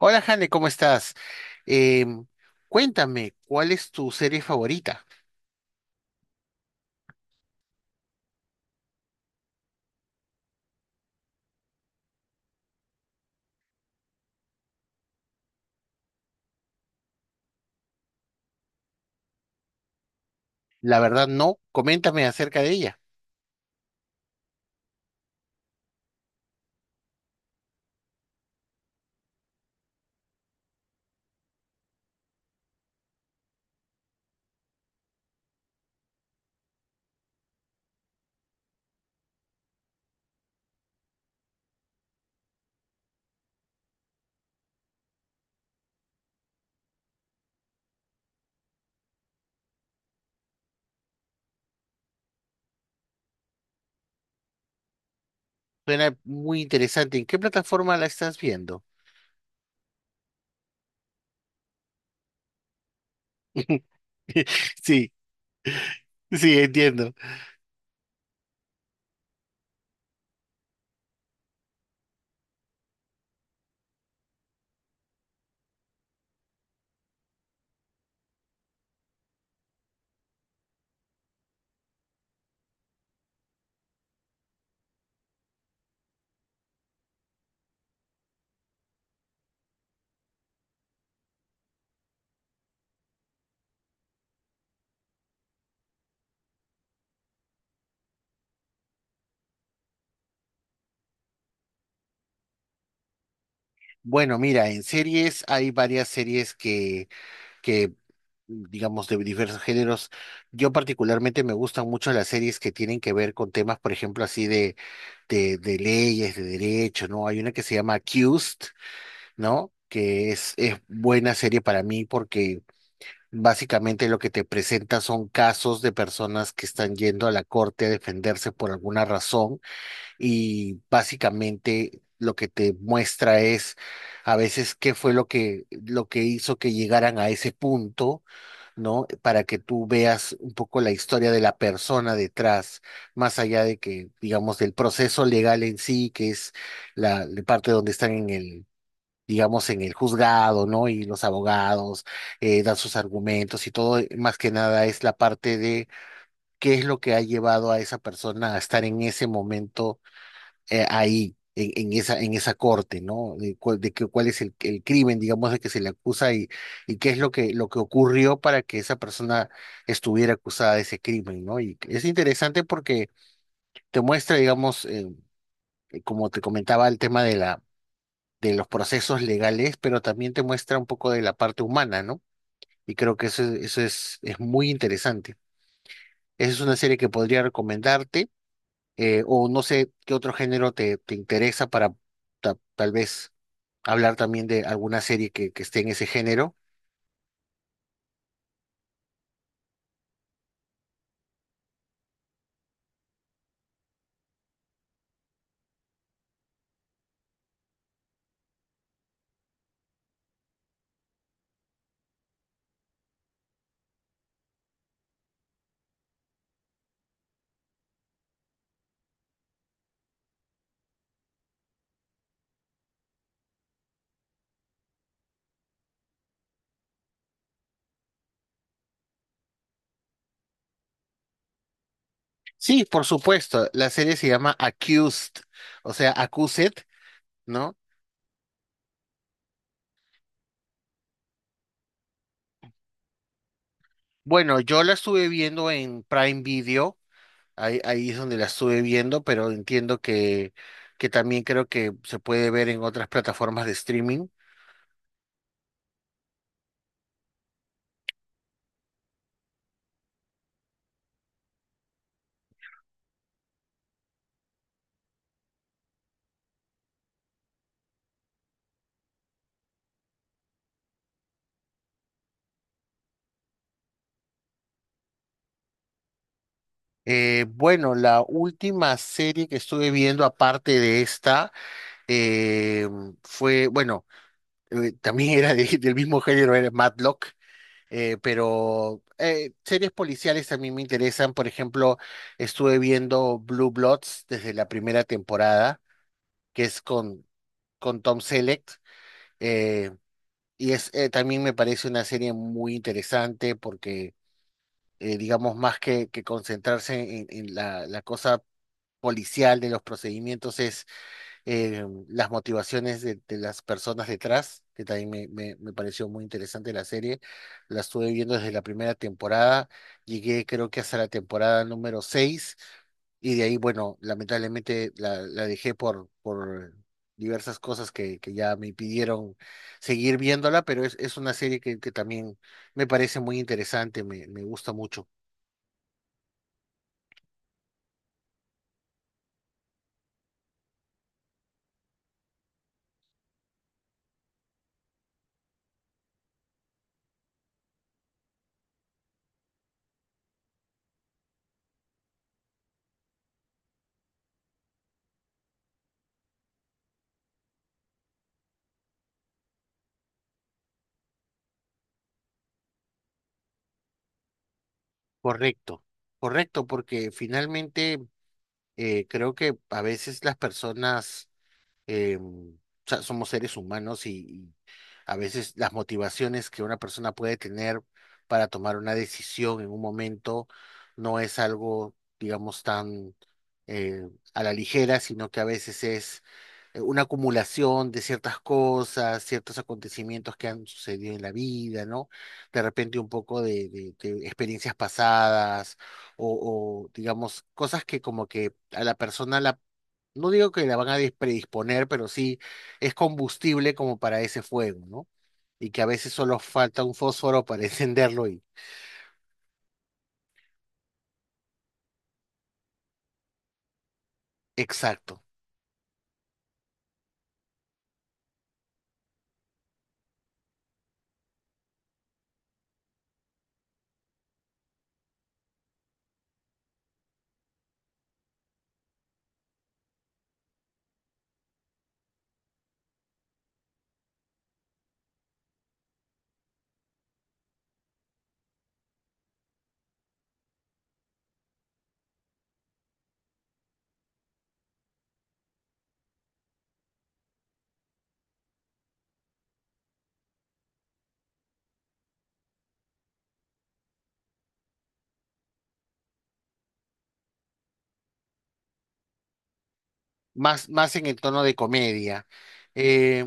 Hola, Jane, ¿cómo estás? Em, Cuéntame, ¿cuál es tu serie favorita? La verdad, no. Coméntame acerca de ella. Suena muy interesante. ¿En qué plataforma la estás viendo? Sí, sí, entiendo. Bueno, mira, en series hay varias series que digamos, de diversos géneros. Yo particularmente me gustan mucho las series que tienen que ver con temas, por ejemplo, así de leyes, de derecho, ¿no? Hay una que se llama Accused, ¿no? Es buena serie para mí porque básicamente lo que te presenta son casos de personas que están yendo a la corte a defenderse por alguna razón, y básicamente lo que te muestra es, a veces, qué fue lo que hizo que llegaran a ese punto, ¿no? Para que tú veas un poco la historia de la persona detrás, más allá de que, digamos, del proceso legal en sí, que es la parte donde están en el, digamos, en el juzgado, ¿no? Y los abogados, dan sus argumentos y todo. Más que nada es la parte de qué es lo que ha llevado a esa persona a estar en ese momento, ahí. En esa, en esa corte, ¿no? De, cuál es el crimen, digamos, de que se le acusa, y qué es lo que ocurrió para que esa persona estuviera acusada de ese crimen, ¿no? Y es interesante porque te muestra, digamos, como te comentaba, el tema de de los procesos legales, pero también te muestra un poco de la parte humana, ¿no? Y creo que eso es muy interesante. Esa es una serie que podría recomendarte. O no sé qué otro género te interesa para, tal vez hablar también de alguna serie que esté en ese género. Sí, por supuesto, la serie se llama Accused, o sea, Accused, ¿no? Bueno, yo la estuve viendo en Prime Video. Ahí es donde la estuve viendo, pero entiendo que también creo que se puede ver en otras plataformas de streaming. Bueno, la última serie que estuve viendo, aparte de esta, eh, fue, bueno, también era del mismo género, era Matlock. Series policiales también me interesan. Por ejemplo, estuve viendo Blue Bloods desde la primera temporada, que es con Tom Selleck. eh, Y es, también me parece una serie muy interesante porque, digamos, más que concentrarse en la cosa policial de los procedimientos, las motivaciones de las personas detrás, que también me pareció muy interesante la serie. La estuve viendo desde la primera temporada, llegué creo que hasta la temporada número seis, y de ahí, bueno, lamentablemente la dejé por diversas cosas que ya me impidieron seguir viéndola, pero es una serie que también me parece muy interesante, me gusta mucho. Correcto, correcto, porque finalmente, creo que a veces las personas, o sea, somos seres humanos, y a veces las motivaciones que una persona puede tener para tomar una decisión en un momento no es algo, digamos, tan, eh, a la ligera, sino que a veces es, una acumulación de ciertas cosas, ciertos acontecimientos que han sucedido en la vida, ¿no? De repente un poco de, de experiencias pasadas, o, digamos, cosas que, como que a la persona la, no digo que la van a predisponer, pero sí es combustible como para ese fuego, ¿no? Y que a veces solo falta un fósforo para encenderlo y exacto. Más, más en el tono de comedia. Eh,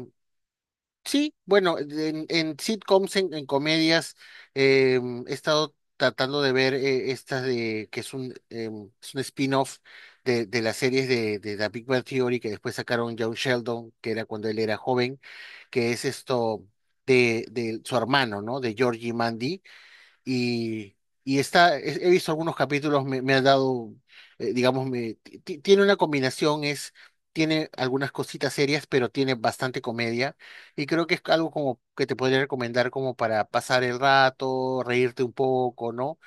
sí, bueno, en sitcoms, en comedias, eh, he estado tratando de ver, esta de que es un spin-off de las series de The Big Bang Theory, que después sacaron John Sheldon, que era cuando él era joven, que es esto de su hermano, ¿no? De Georgie Mandy. Y, y está, he visto algunos capítulos. Me ha dado, digamos, tiene una combinación, es, tiene algunas cositas serias, pero tiene bastante comedia. Y creo que es algo como que te podría recomendar como para pasar el rato, reírte un poco, ¿no?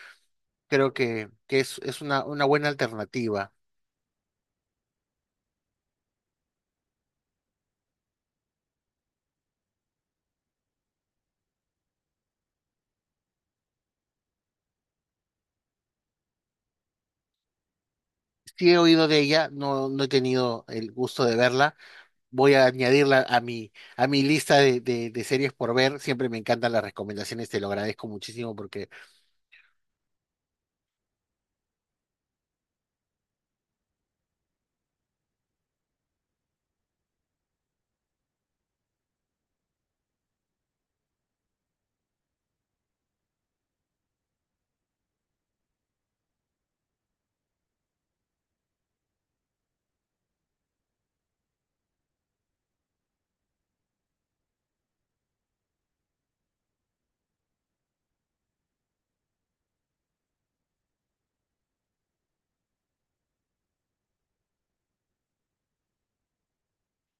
Creo que es una buena alternativa. Sí, he oído de ella. No, no he tenido el gusto de verla, voy a añadirla a mi lista de series por ver. Siempre me encantan las recomendaciones, te lo agradezco muchísimo porque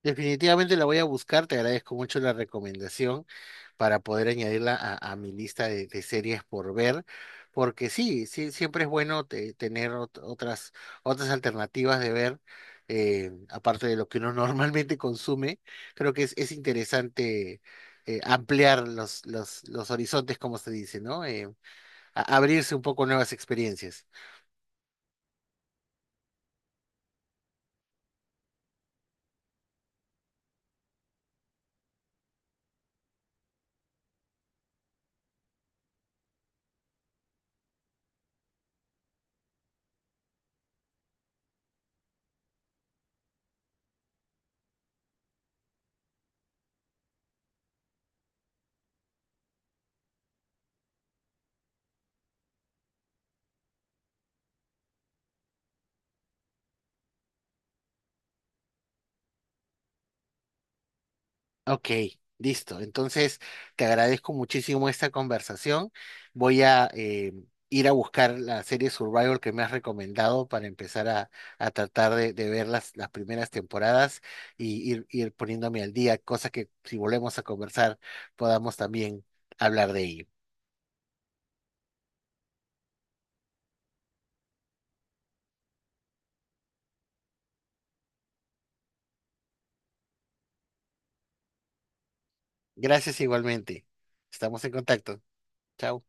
definitivamente la voy a buscar. Te agradezco mucho la recomendación para poder añadirla a mi lista de series por ver. Porque sí, sí, siempre es bueno tener otras, otras alternativas de ver, aparte de lo que uno normalmente consume. Creo que es interesante, ampliar los horizontes, como se dice, ¿no? Abrirse un poco a nuevas experiencias. Ok, listo. Entonces, te agradezco muchísimo esta conversación. Voy a, ir a buscar la serie Survivor que me has recomendado para empezar a tratar de ver las primeras temporadas, y ir poniéndome al día, cosa que, si volvemos a conversar, podamos también hablar de ello. Gracias igualmente. Estamos en contacto. Chao.